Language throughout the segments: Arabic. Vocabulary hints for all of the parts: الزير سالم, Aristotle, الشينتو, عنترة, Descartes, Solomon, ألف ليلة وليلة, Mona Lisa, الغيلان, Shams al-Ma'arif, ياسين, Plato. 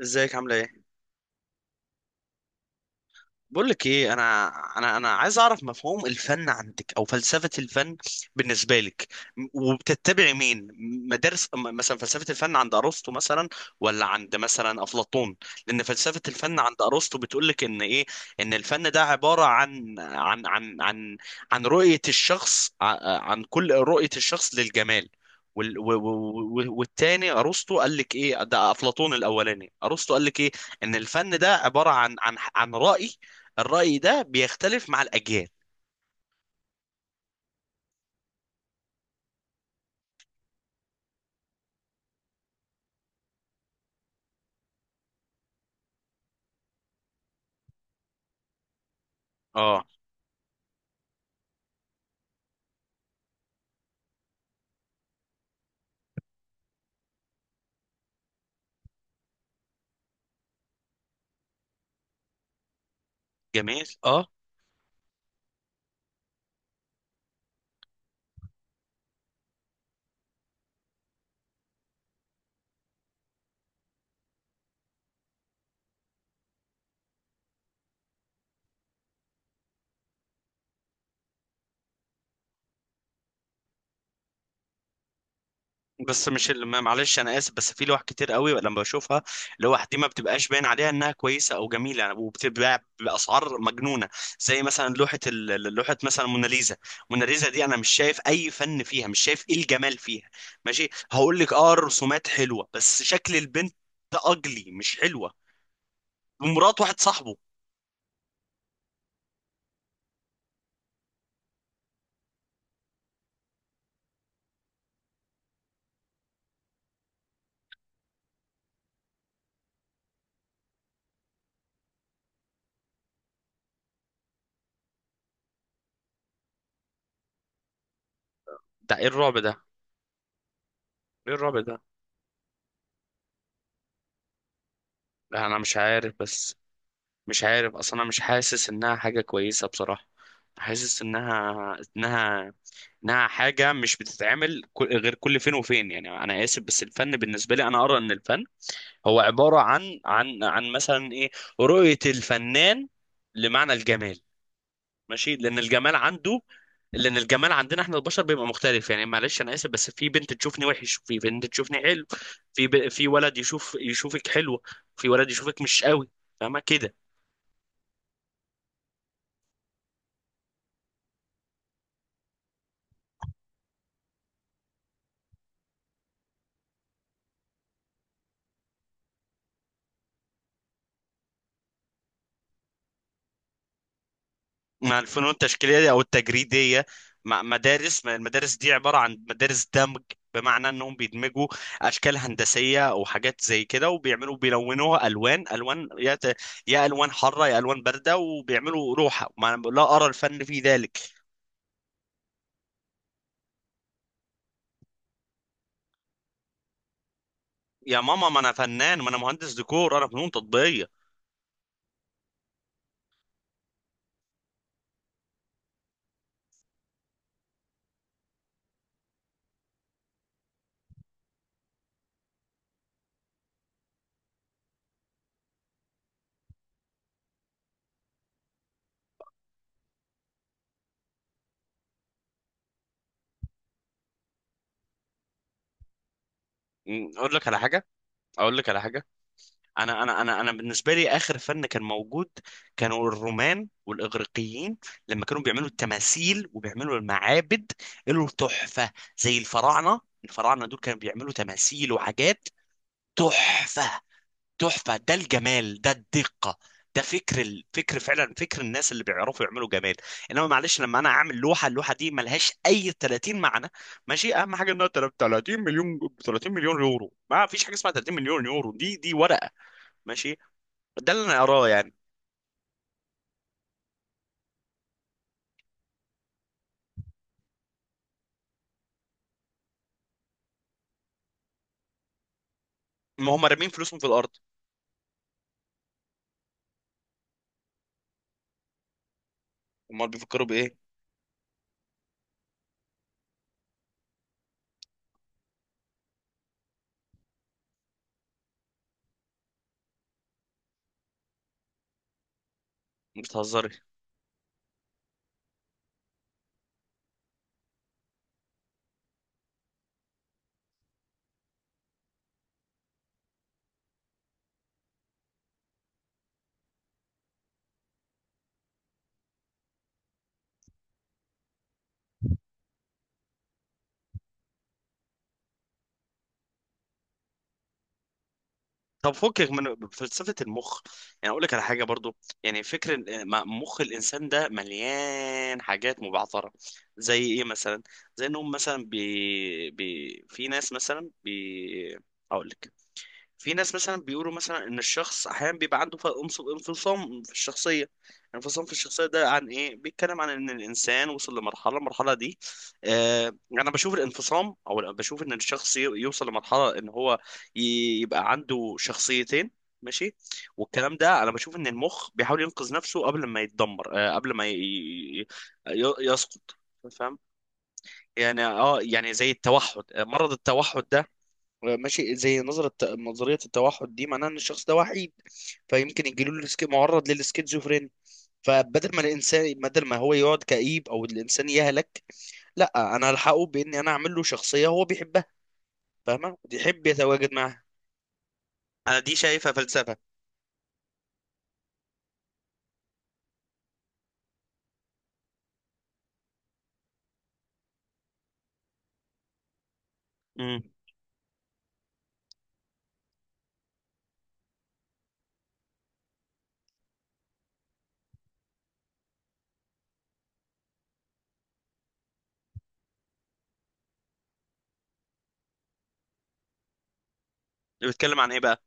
ازيك؟ عامله ايه؟ بقول لك ايه انا عايز اعرف مفهوم الفن عندك او فلسفة الفن بالنسبة لك. وبتتبعي مين؟ مدارس، مثلا فلسفة الفن عند ارسطو مثلا؟ ولا عند مثلا افلاطون؟ لان فلسفة الفن عند ارسطو بتقول لك ان ايه. ان الفن ده عبارة عن رؤية الشخص، عن كل رؤية الشخص للجمال. والتاني ارسطو قال لك ايه؟ ده افلاطون الاولاني. ارسطو قال لك ايه؟ ان الفن ده عبارة عن رأي، الرأي ده بيختلف مع الأجيال. اه، جميل، اه. بس مش اللي معلش انا اسف، بس في لوح كتير قوي لما بشوفها، لوح دي ما بتبقاش باين عليها انها كويسه او جميله يعني، وبتتباع باسعار مجنونه. زي مثلا لوحه مثلا موناليزا. موناليزا دي انا مش شايف اي فن فيها، مش شايف ايه الجمال فيها. ماشي، هقول لك اه الرسومات حلوه، بس شكل البنت ده اجلي مش حلوه. ومرات واحد صاحبه. ده ايه الرعب ده! ايه الرعب ده! لا انا مش عارف، بس مش عارف اصلا، انا مش حاسس انها حاجه كويسه بصراحه. حاسس انها حاجه مش بتتعمل غير كل فين وفين. يعني انا اسف، بس الفن بالنسبه لي، انا ارى ان الفن هو عباره عن مثلا ايه، رؤيه الفنان لمعنى الجمال. ماشي، لان الجمال عندنا احنا البشر بيبقى مختلف. يعني معلش انا اسف، بس في بنت تشوفني وحش، وفي بنت تشوفني حلو. في ولد يشوفك حلوه، في ولد يشوفك مش قوي. فاهمه كده؟ مع الفنون التشكيليه دي او التجريديه، مع مدارس، ما المدارس دي عباره عن مدارس دمج. بمعنى انهم بيدمجوا اشكال هندسيه او حاجات زي كده، وبيعملوا بيلونوها الوان الوان، يا الوان حاره يا الوان بارده، وبيعملوا روحه. ما انا بقول لها ارى الفن في ذلك. يا ماما، ما انا فنان، ما انا مهندس ديكور، انا فنون تطبيقيه. م، اقول لك على حاجه اقول لك على حاجه. انا بالنسبه لي اخر فن كان موجود، كانوا الرومان والاغريقيين، لما كانوا بيعملوا التماثيل وبيعملوا المعابد. له تحفه. زي الفراعنه، الفراعنه دول كانوا بيعملوا تماثيل وحاجات. تحفه، تحفه. ده الجمال، ده الدقه، ده فكر الفكر، فعلا فكر الناس اللي بيعرفوا يعملوا جمال. انما معلش لما انا اعمل لوحه، اللوحه دي ملهاش اي 30 معنى. ماشي، اهم حاجه انها 30 مليون. 30 مليون يورو؟ ما فيش حاجه اسمها 30 مليون يورو، دي ورقه. ماشي، ده اللي انا اراه يعني. ما هم رامين فلوسهم في الارض. امال بيفكروا بايه؟ بتهزري! طب فكك من فلسفه المخ، يعني اقول لك على حاجه برضو. يعني فكر مخ الانسان ده مليان حاجات مبعثره. زي ايه مثلا؟ زي انهم مثلا في ناس مثلا هقول لك، في ناس مثلا بيقولوا مثلا ان الشخص احيانا بيبقى عنده انفصام في الشخصيه. انفصام في الشخصيه ده عن ايه بيتكلم؟ عن ان الانسان وصل لمرحله، المرحله دي آه انا بشوف الانفصام، او بشوف ان الشخص يوصل لمرحله ان هو يبقى عنده شخصيتين. ماشي. والكلام ده انا بشوف ان المخ بيحاول ينقذ نفسه قبل ما يتدمر، آه قبل ما ي- يسقط. فاهم؟ يعني اه، يعني زي التوحد، مرض التوحد ده. ماشي، زي نظرية التوحد دي معناها ان الشخص ده وحيد، فيمكن معرض للسكيزوفرينيا. فبدل ما الانسان بدل ما هو يقعد كئيب، او الانسان يهلك. لا، انا هلحقه باني انا اعمل له شخصية هو بيحبها. فاهمة؟ ويحب يتواجد معاها. انا دي شايفها فلسفة. امم. بتتكلم عن ايه بقى؟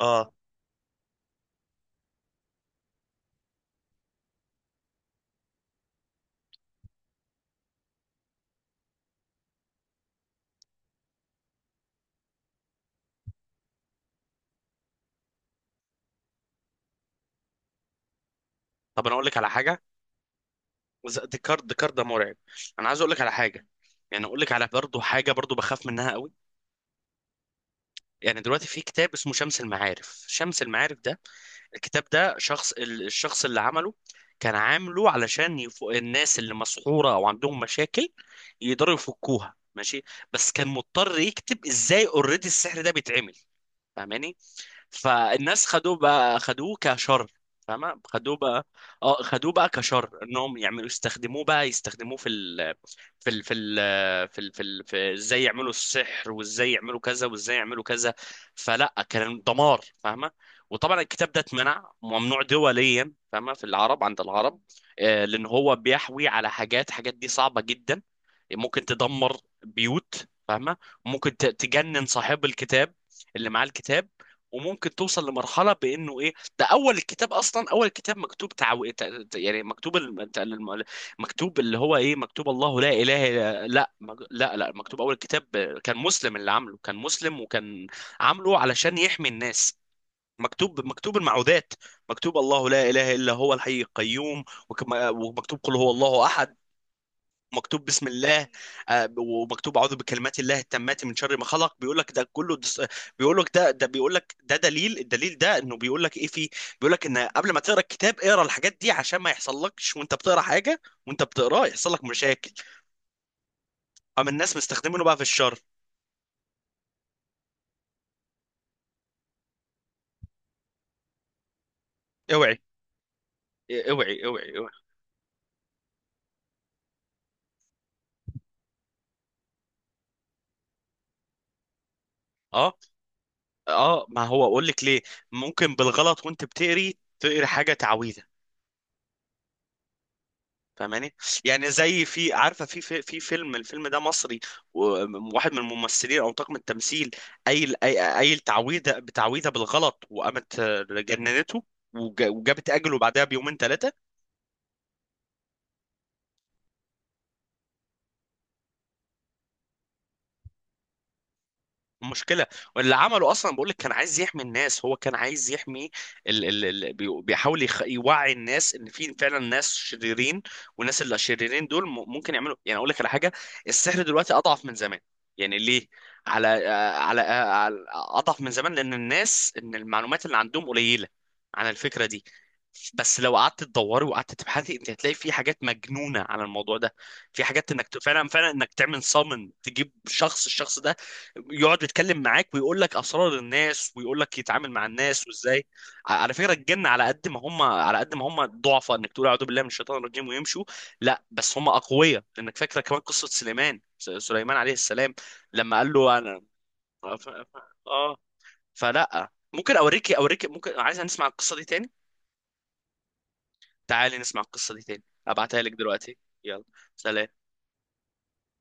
اه. طب انا اقول لك على حاجة. ديكارت ده مرعب. انا عايز اقول لك على حاجة. يعني اقول لك على برضه حاجة برضه بخاف منها قوي. يعني دلوقتي في كتاب اسمه شمس المعارف. شمس المعارف ده، الكتاب ده، شخص الشخص اللي عمله كان عامله علشان الناس اللي مسحورة او عندهم مشاكل يقدروا يفكوها. ماشي، بس كان مضطر يكتب ازاي اوريدي السحر ده بيتعمل. فاهماني؟ فالناس خدوه كشر. فاهمة؟ خدوه بقى. اه، خدوه بقى كشر، انهم يعملوا يستخدموه في ال في ال في ازاي يعملوا السحر، وازاي يعملوا كذا، وازاي يعملوا كذا. فلا، كان دمار. فاهمة؟ وطبعا الكتاب ده اتمنع، ممنوع دوليا. فاهمة؟ في العرب عند العرب. آه، لان هو بيحوي على حاجات دي صعبة جدا. ممكن تدمر بيوت. فاهمة؟ ممكن تجنن صاحب الكتاب، اللي معاه الكتاب. وممكن توصل لمرحلة بإنه إيه، ده أول الكتاب أصلا، أول كتاب مكتوب يعني مكتوب مكتوب، اللي هو إيه، مكتوب الله لا إله لا لا، مكتوب أول كتاب كان مسلم اللي عامله. كان مسلم وكان عامله علشان يحمي الناس. مكتوب المعوذات. مكتوب الله لا إله إلا هو الحي القيوم. ومكتوب قل هو الله أحد. مكتوب بسم الله. آه، ومكتوب اعوذ بكلمات الله التامات من شر ما خلق. بيقول لك ده دليل. الدليل ده انه بيقول لك ايه فيه. بيقول لك ان قبل ما تقرا الكتاب اقرا الحاجات دي عشان ما يحصلكش وانت بتقرا حاجه، وانت بتقراه يحصل لك مشاكل. اما الناس مستخدمينه بقى في الشر. اوعي، اوعي، اوعي، اوعي! اه، اه، ما هو اقول لك ليه. ممكن بالغلط وانت بتقري حاجه تعويذه. فاهماني؟ يعني زي، في، عارفه، في فيلم، الفيلم ده مصري، وواحد من الممثلين او طاقم التمثيل قايل تعويذه بتعويذه بالغلط، وقامت جننته. وجابت اجله بعدها بيومين ثلاثه. مشكلة. واللي عمله أصلا، بقول لك، كان عايز يحمي الناس، هو كان عايز يحمي بيحاول يوعي الناس إن في فعلا ناس شريرين، والناس اللي شريرين دول ممكن يعملوا. يعني أقول لك على حاجة، السحر دلوقتي أضعف من زمان. يعني ليه؟ على آه، على آه، على- أضعف من زمان لأن الناس، إن المعلومات اللي عندهم قليلة عن الفكرة دي. بس لو قعدت تدوري وقعدت تبحثي انت هتلاقي في حاجات مجنونة على الموضوع ده. في حاجات انك فعلا فعلا انك تعمل صامن تجيب شخص، الشخص ده يقعد يتكلم معاك ويقول لك اسرار الناس، ويقول لك يتعامل مع الناس وازاي. على فكره الجن، على قد ما هم ضعفاء، انك تقول اعوذ بالله من الشيطان الرجيم ويمشوا. لا، بس هم اقوياء، لانك فاكره كمان قصه سليمان، سليمان عليه السلام لما قال له انا ف- ف- اه فلا، ممكن اوريك، ممكن، عايز نسمع القصه دي تاني؟ تعالي نسمع القصه دي تاني. ابعتها لك دلوقتي. يلا، سلام.